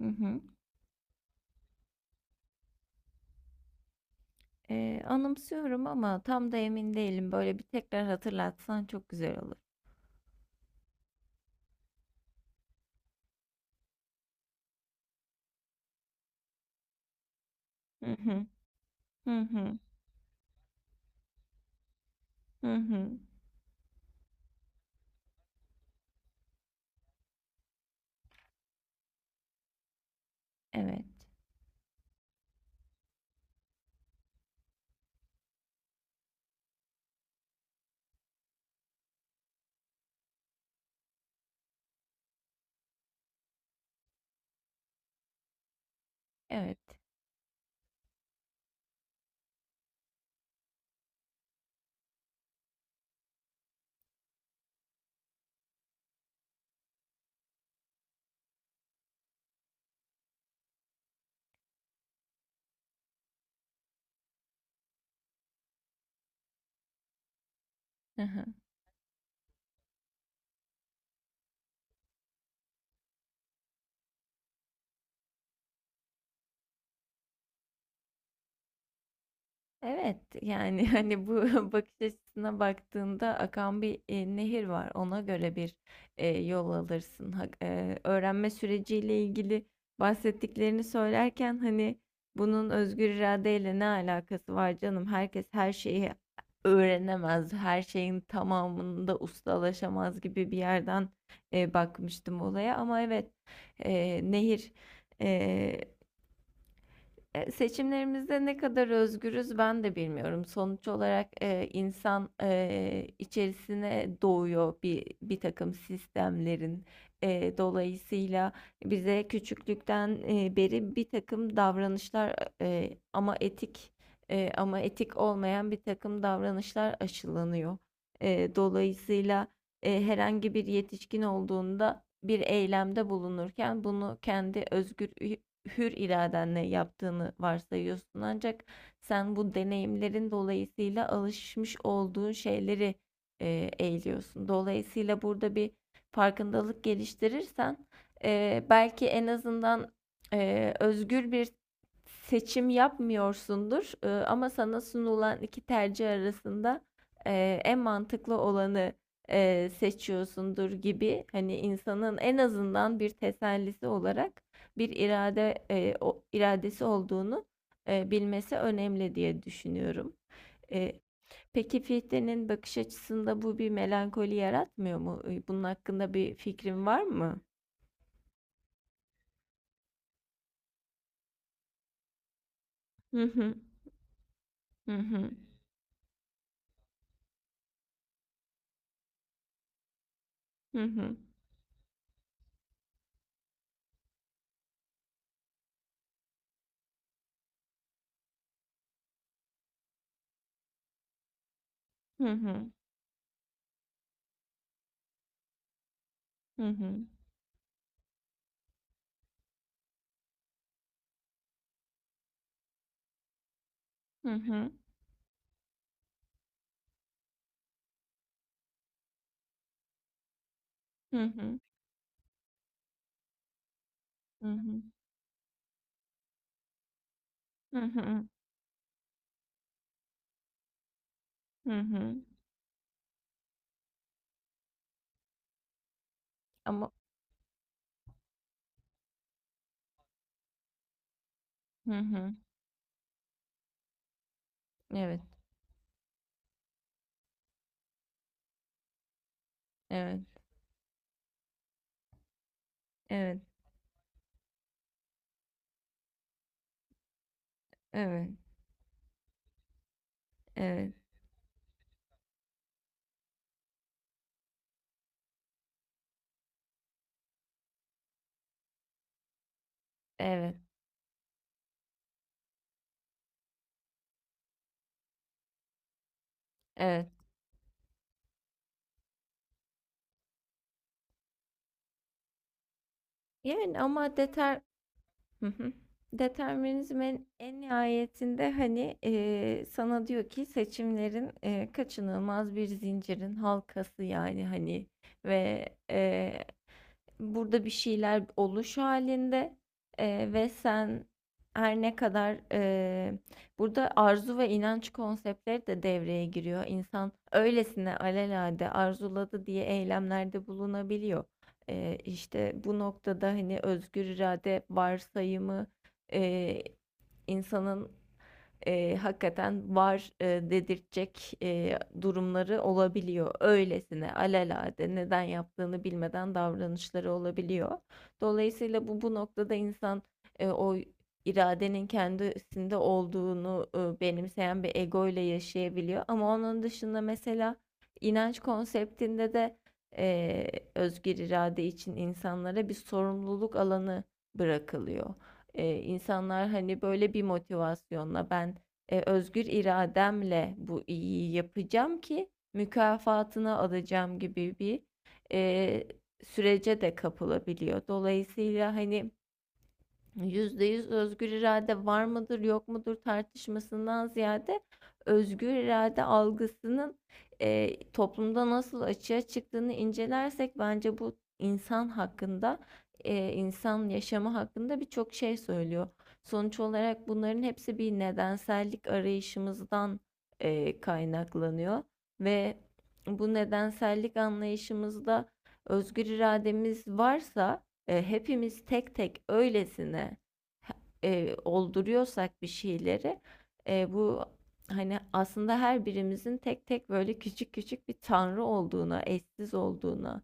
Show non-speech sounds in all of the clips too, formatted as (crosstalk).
Hı hı. Anımsıyorum ama tam da emin değilim. Böyle bir tekrar hatırlatsan çok güzel olur. Hı hı. Hı hı. Hı hı. Evet. Evet. Hı hı. Evet, yani (laughs) hani bu (laughs) bakış açısına baktığında akan bir nehir var. Ona göre bir yol alırsın. Öğrenme süreciyle ilgili bahsettiklerini söylerken hani bunun özgür iradeyle ne alakası var canım? Herkes her şeyi öğrenemez, her şeyin tamamında ustalaşamaz gibi bir yerden bakmıştım olaya. Ama evet, nehir. e, Seçimlerimizde ne kadar özgürüz ben de bilmiyorum. Sonuç olarak insan içerisine doğuyor bir takım sistemlerin. Dolayısıyla bize küçüklükten beri bir takım davranışlar, ama etik, ama etik olmayan bir takım davranışlar aşılanıyor. Dolayısıyla herhangi bir yetişkin olduğunda bir eylemde bulunurken bunu kendi özgür hür iradenle yaptığını varsayıyorsun. Ancak sen bu deneyimlerin dolayısıyla alışmış olduğun şeyleri eğiliyorsun. Dolayısıyla burada bir farkındalık geliştirirsen belki en azından özgür bir seçim yapmıyorsundur. Ama sana sunulan iki tercih arasında en mantıklı olanı seçiyorsundur gibi hani insanın en azından bir tesellisi olarak bir irade, o iradesi olduğunu bilmesi önemli diye düşünüyorum. E, peki Fichte'nin bakış açısında bu bir melankoli yaratmıyor mu? Bunun hakkında bir fikrin var mı? Hı hı. Hı hı. Hı hı. Hı hı. Hı hı. Hı hı. Hı hı. Hı hı. Hı hı. Hı hı. Ama hı hı. Evet. Evet. Evet. Evet. Evet. Evet. Evet. Evet. Yani ama deter Hı hı. Determinizmin en nihayetinde, hani, sana diyor ki seçimlerin, kaçınılmaz bir zincirin halkası, yani, hani, ve, burada bir şeyler oluş halinde, ve sen her ne kadar, burada arzu ve inanç konseptleri de devreye giriyor. İnsan öylesine alelade arzuladı diye eylemlerde bulunabiliyor. İşte bu noktada hani özgür irade varsayımı, eee, insanın hakikaten var dedirtecek durumları olabiliyor. Öylesine alelade neden yaptığını bilmeden davranışları olabiliyor. Dolayısıyla bu noktada insan o iradenin kendisinde olduğunu benimseyen bir ego ile yaşayabiliyor. Ama onun dışında mesela inanç konseptinde de özgür irade için insanlara bir sorumluluk alanı bırakılıyor. İnsanlar, hani, böyle bir motivasyonla ben, özgür irademle bu iyiyi yapacağım ki mükafatını alacağım gibi bir eee, sürece de kapılabiliyor. Dolayısıyla, hani, %100 özgür irade var mıdır yok mudur tartışmasından ziyade özgür irade algısının toplumda nasıl açığa çıktığını incelersek bence bu insan hakkında, insan yaşamı hakkında birçok şey söylüyor. Sonuç olarak bunların hepsi bir nedensellik arayışımızdan kaynaklanıyor ve bu nedensellik anlayışımızda özgür irademiz varsa, hepimiz tek tek öylesine olduruyorsak bir şeyleri, bu hani aslında her birimizin tek tek böyle küçük küçük bir tanrı olduğuna, eşsiz olduğuna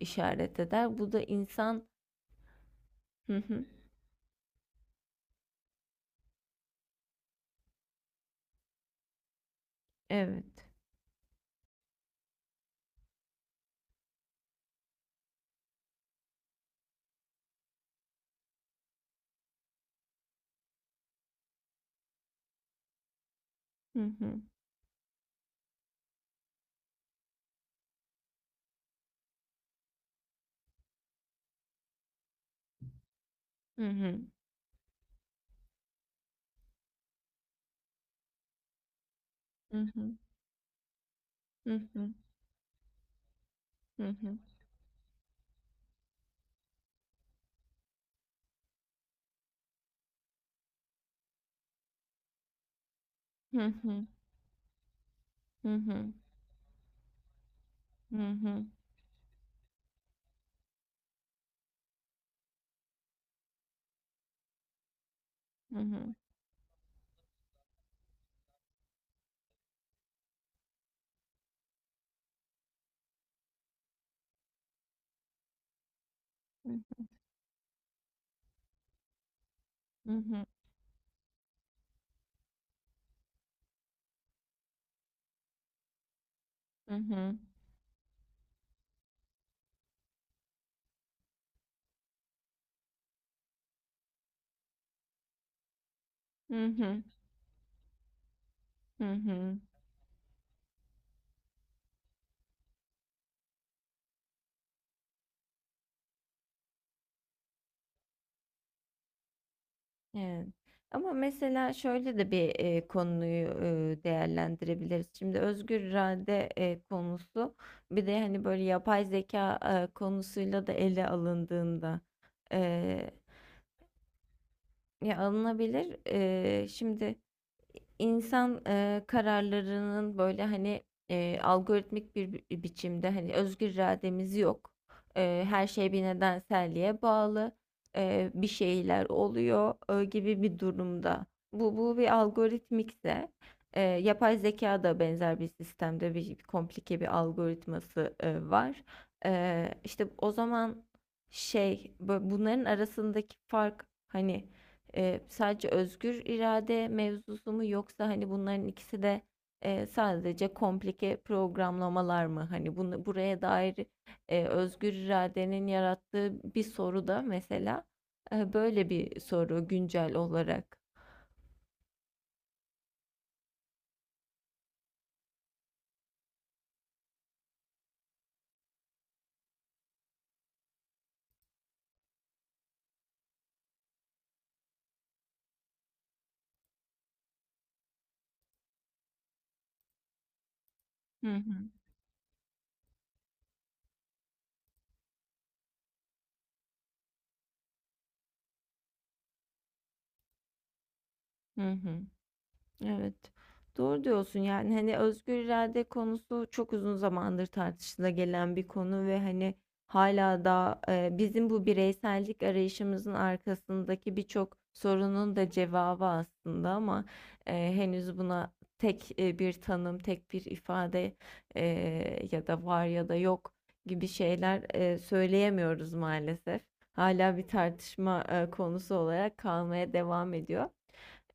işaret eder. Bu da insan. Hı hı. Evet. Hı hı. Hı hı. Hı hı. Hı hı. Hı hı. Hı hı. Hı hı. Hı hı. Hı hı. Hı hı. Hı hı. Hı hı. Hı hı. Hı hı. Evet. Ama mesela şöyle de bir konuyu değerlendirebiliriz. Şimdi özgür irade konusu bir de hani böyle yapay zeka konusuyla da ele alındığında, e, ya alınabilir. Şimdi insan kararlarının böyle hani algoritmik bir biçimde, hani özgür irademiz yok. Her şey bir nedenselliğe bağlı. Bir şeyler oluyor gibi bir durumda. Bu bir algoritmikse, yapay zeka da benzer bir sistemde bir komplike bir algoritması var. E, işte o zaman şey, bunların arasındaki fark hani, sadece özgür irade mevzusu mu yoksa hani bunların ikisi de sadece komplike programlamalar mı? Hani bunu buraya dair özgür iradenin yarattığı bir soru da, mesela böyle bir soru güncel olarak. Hı hı. Hı hı. Evet. Doğru diyorsun, yani hani özgür irade konusu çok uzun zamandır tartışıla gelen bir konu ve hani hala da bizim bu bireysellik arayışımızın arkasındaki birçok sorunun da cevabı aslında, ama henüz buna tek bir tanım, tek bir ifade, e, ya da var ya da yok gibi şeyler söyleyemiyoruz maalesef. Hala bir tartışma konusu olarak kalmaya devam ediyor.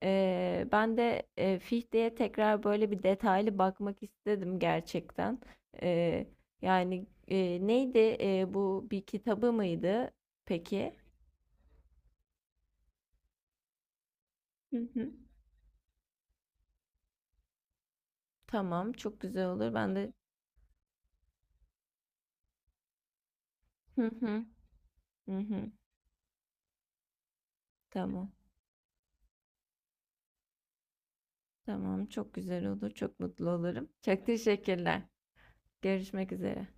Ben de Fichte'ye tekrar böyle bir detaylı bakmak istedim gerçekten. Eee, yani neydi, bu bir kitabı mıydı peki? Hı hı. Tamam, çok güzel olur. Ben de hı hı hı hı. Tamam. Tamam, çok güzel olur. Çok mutlu olurum. Çok teşekkürler. Görüşmek üzere.